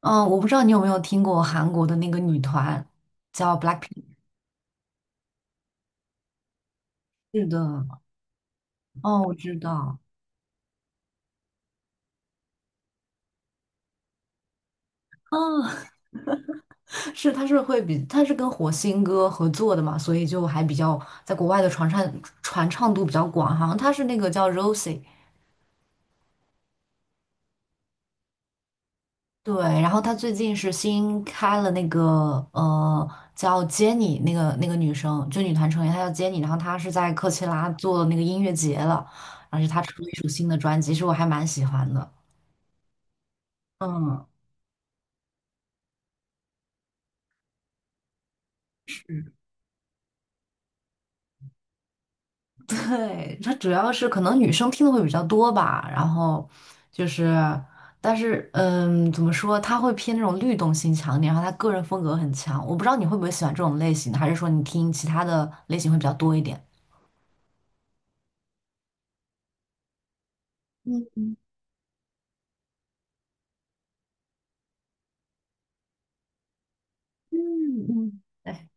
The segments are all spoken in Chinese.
嗯，我不知道你有没有听过韩国的那个女团叫 BLACKPINK。是的，哦，我知道，嗯，她是跟火星哥合作的嘛，所以就还比较在国外的传唱度比较广，好像她是那个叫 Rosie。对，然后她最近是新开了那个呃叫 Jennie 那个女生，就女团成员，她叫 Jennie,然后她是在科切拉做那个音乐节了，而且她出了一首新的专辑，其实我还蛮喜欢的。嗯。对，它主要是可能女生听的会比较多吧，然后就是，但是怎么说，他会偏那种律动性强一点，然后他个人风格很强。我不知道你会不会喜欢这种类型的，还是说你听其他的类型会比较多一点？嗯嗯嗯，嗯，对，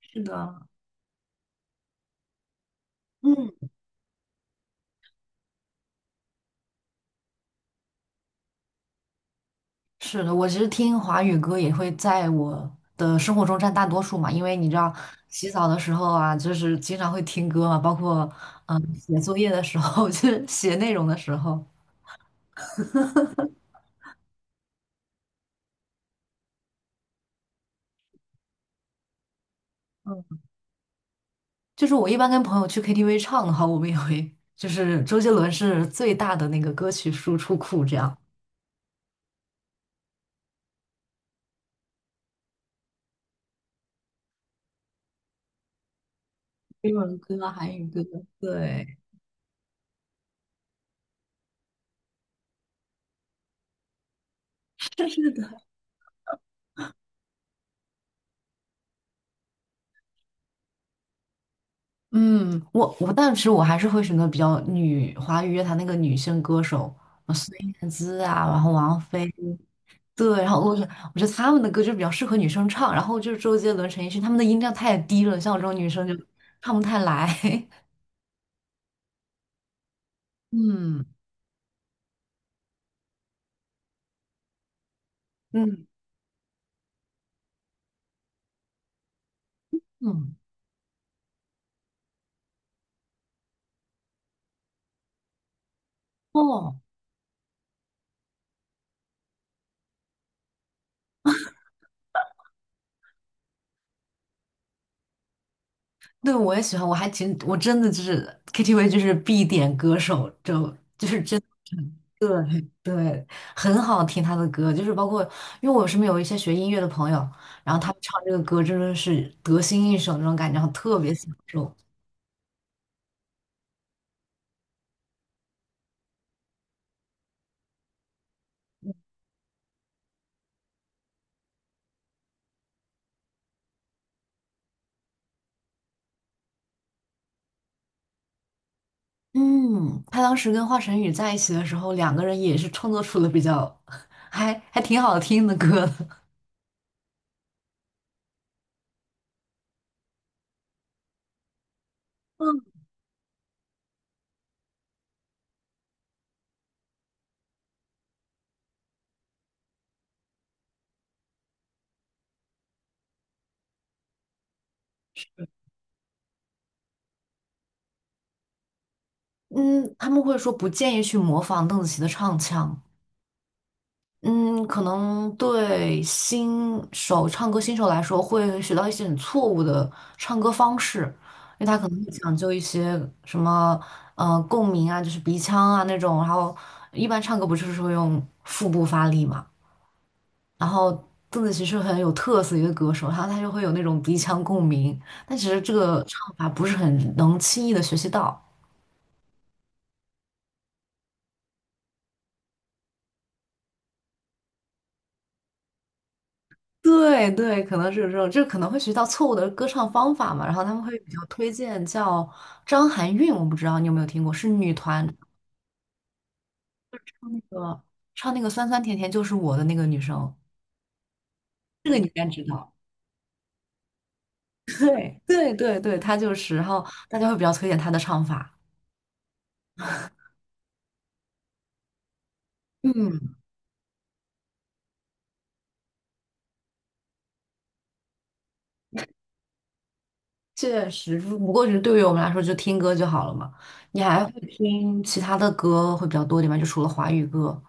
是的，嗯，是的，我其实听华语歌也会在我的生活中占大多数嘛，因为你知道，洗澡的时候啊，就是经常会听歌嘛，包括写作业的时候，就是写内容的时候。嗯。就是我一般跟朋友去 KTV 唱的话，我们也会，就是周杰伦是最大的那个歌曲输出库，这样。英文歌、韩语歌，对，是的。嗯，但是我还是会选择比较女华语乐坛那个女性歌手，孙燕姿啊，然后王菲，对，然后我觉得他们的歌就比较适合女生唱，然后就是周杰伦、陈奕迅，他们的音量太低了，像我这种女生就唱不太来。嗯嗯嗯，哦。对，我也喜欢，我还挺，我真的就是 KTV 就是必点歌手，就是真的。对对，很好听他的歌，就是包括因为我身边有一些学音乐的朋友，然后他们唱这个歌真的是得心应手那种感觉，然后特别享受。嗯，他当时跟华晨宇在一起的时候，两个人也是创作出了比较 还挺好听的歌的。嗯，他们会说不建议去模仿邓紫棋的唱腔。嗯，可能对新手唱歌新手来说，会学到一些很错误的唱歌方式，因为他可能会讲究一些什么共鸣啊，就是鼻腔啊那种，然后一般唱歌不就是会用腹部发力嘛，然后邓紫棋是很有特色的一个歌手，然后她就会有那种鼻腔共鸣，但其实这个唱法不是很能轻易的学习到。对对，可能是有这种，就可能会学到错误的歌唱方法嘛，然后他们会比较推荐叫张含韵，我不知道你有没有听过，是女团唱那个酸酸甜甜就是我的那个女生，这个你应该知道。对对对对，她就是，然后大家会比较推荐她的唱法。嗯，确实，不过是对于我们来说，就听歌就好了嘛。你还会听其他的歌会比较多点吗？就除了华语歌，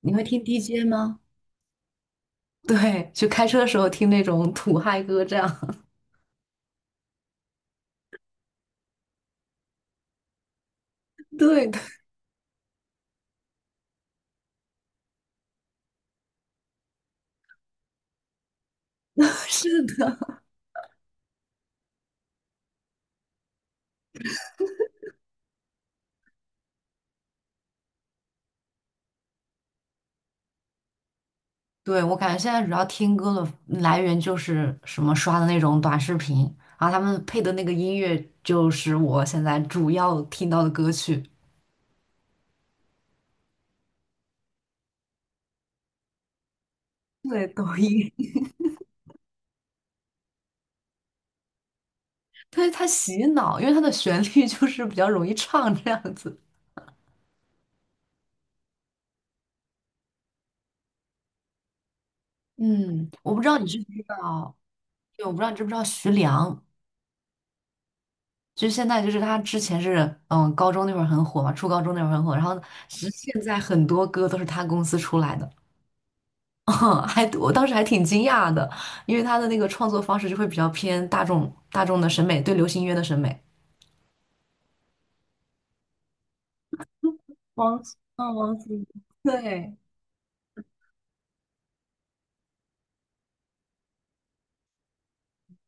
你会听 DJ 吗？对，就开车的时候听那种土嗨歌这样。对 是的，对，我感觉现在主要听歌的来源就是什么刷的那种短视频，然后他们配的那个音乐就是我现在主要听到的歌曲。对，抖音。对，它洗脑，因为它的旋律就是比较容易唱这样子。嗯，我不知道你知不知道。对，我不知道你知不知道徐良，就是现在就是他之前是高中那会儿很火嘛，初高中那会儿很火，然后其实现在很多歌都是他公司出来的。嗯 还我当时还挺惊讶的，因为他的那个创作方式就会比较偏大众的审美，对流行音乐的审美。王，王心凌对。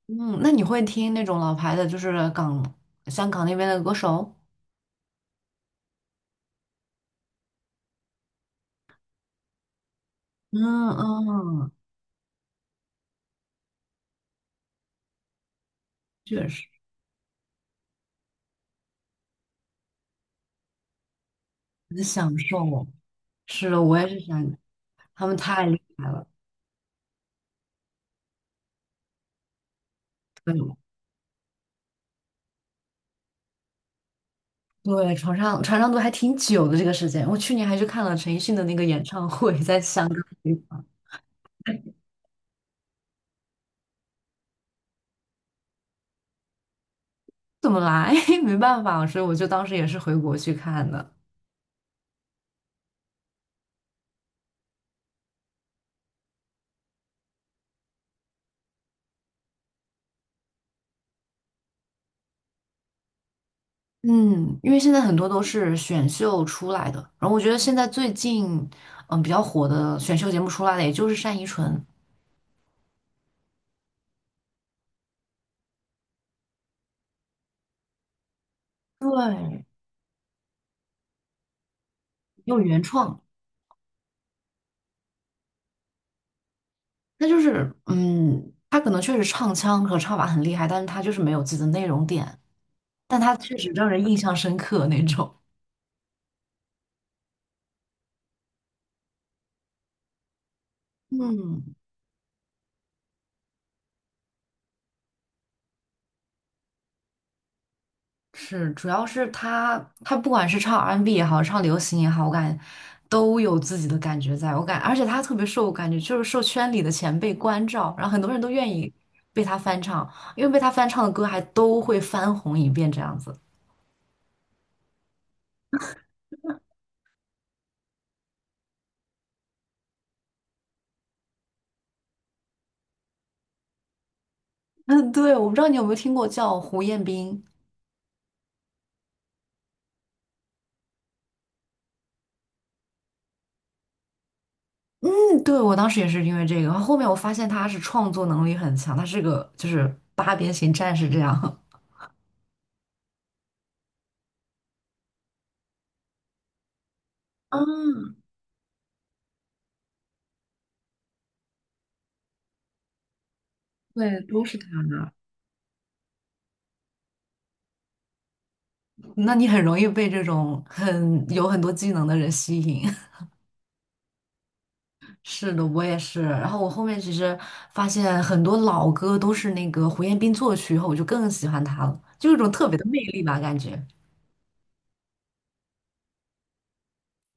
嗯，那你会听那种老牌的，就是香港那边的歌手？嗯嗯，确实很享受。是的，我也是想，他们太厉害了。对对，传唱度还挺久的这个时间。我去年还去看了陈奕迅的那个演唱会，在香港。怎么来？没办法，所以我就当时也是回国去看的。嗯，因为现在很多都是选秀出来的，然后我觉得现在最近比较火的选秀节目出来的，也就是单依纯，对，有原创，那就是他可能确实唱腔和唱法很厉害，但是他就是没有自己的内容点，但他确实让人印象深刻那种。嗯，是，主要是他不管是唱 R&B N 也好，唱流行也好，我感觉都有自己的感觉在，而且他特别受，我感觉就是受圈里的前辈关照，然后很多人都愿意被他翻唱，因为被他翻唱的歌还都会翻红一遍这样子。嗯，对，我不知道你有没有听过叫胡彦斌。嗯，对，我当时也是因为这个，然后后面我发现他是创作能力很强，他是个就是八边形战士这样。嗯，对，都是他。那你很容易被这种很有很多技能的人吸引。是的，我也是。然后我后面其实发现很多老歌都是那个胡彦斌作曲以后，我就更喜欢他了，就有一种特别的魅力吧，感觉。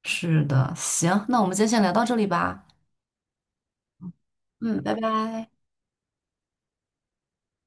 是的，行，那我们今天先聊到这里吧。嗯，拜拜。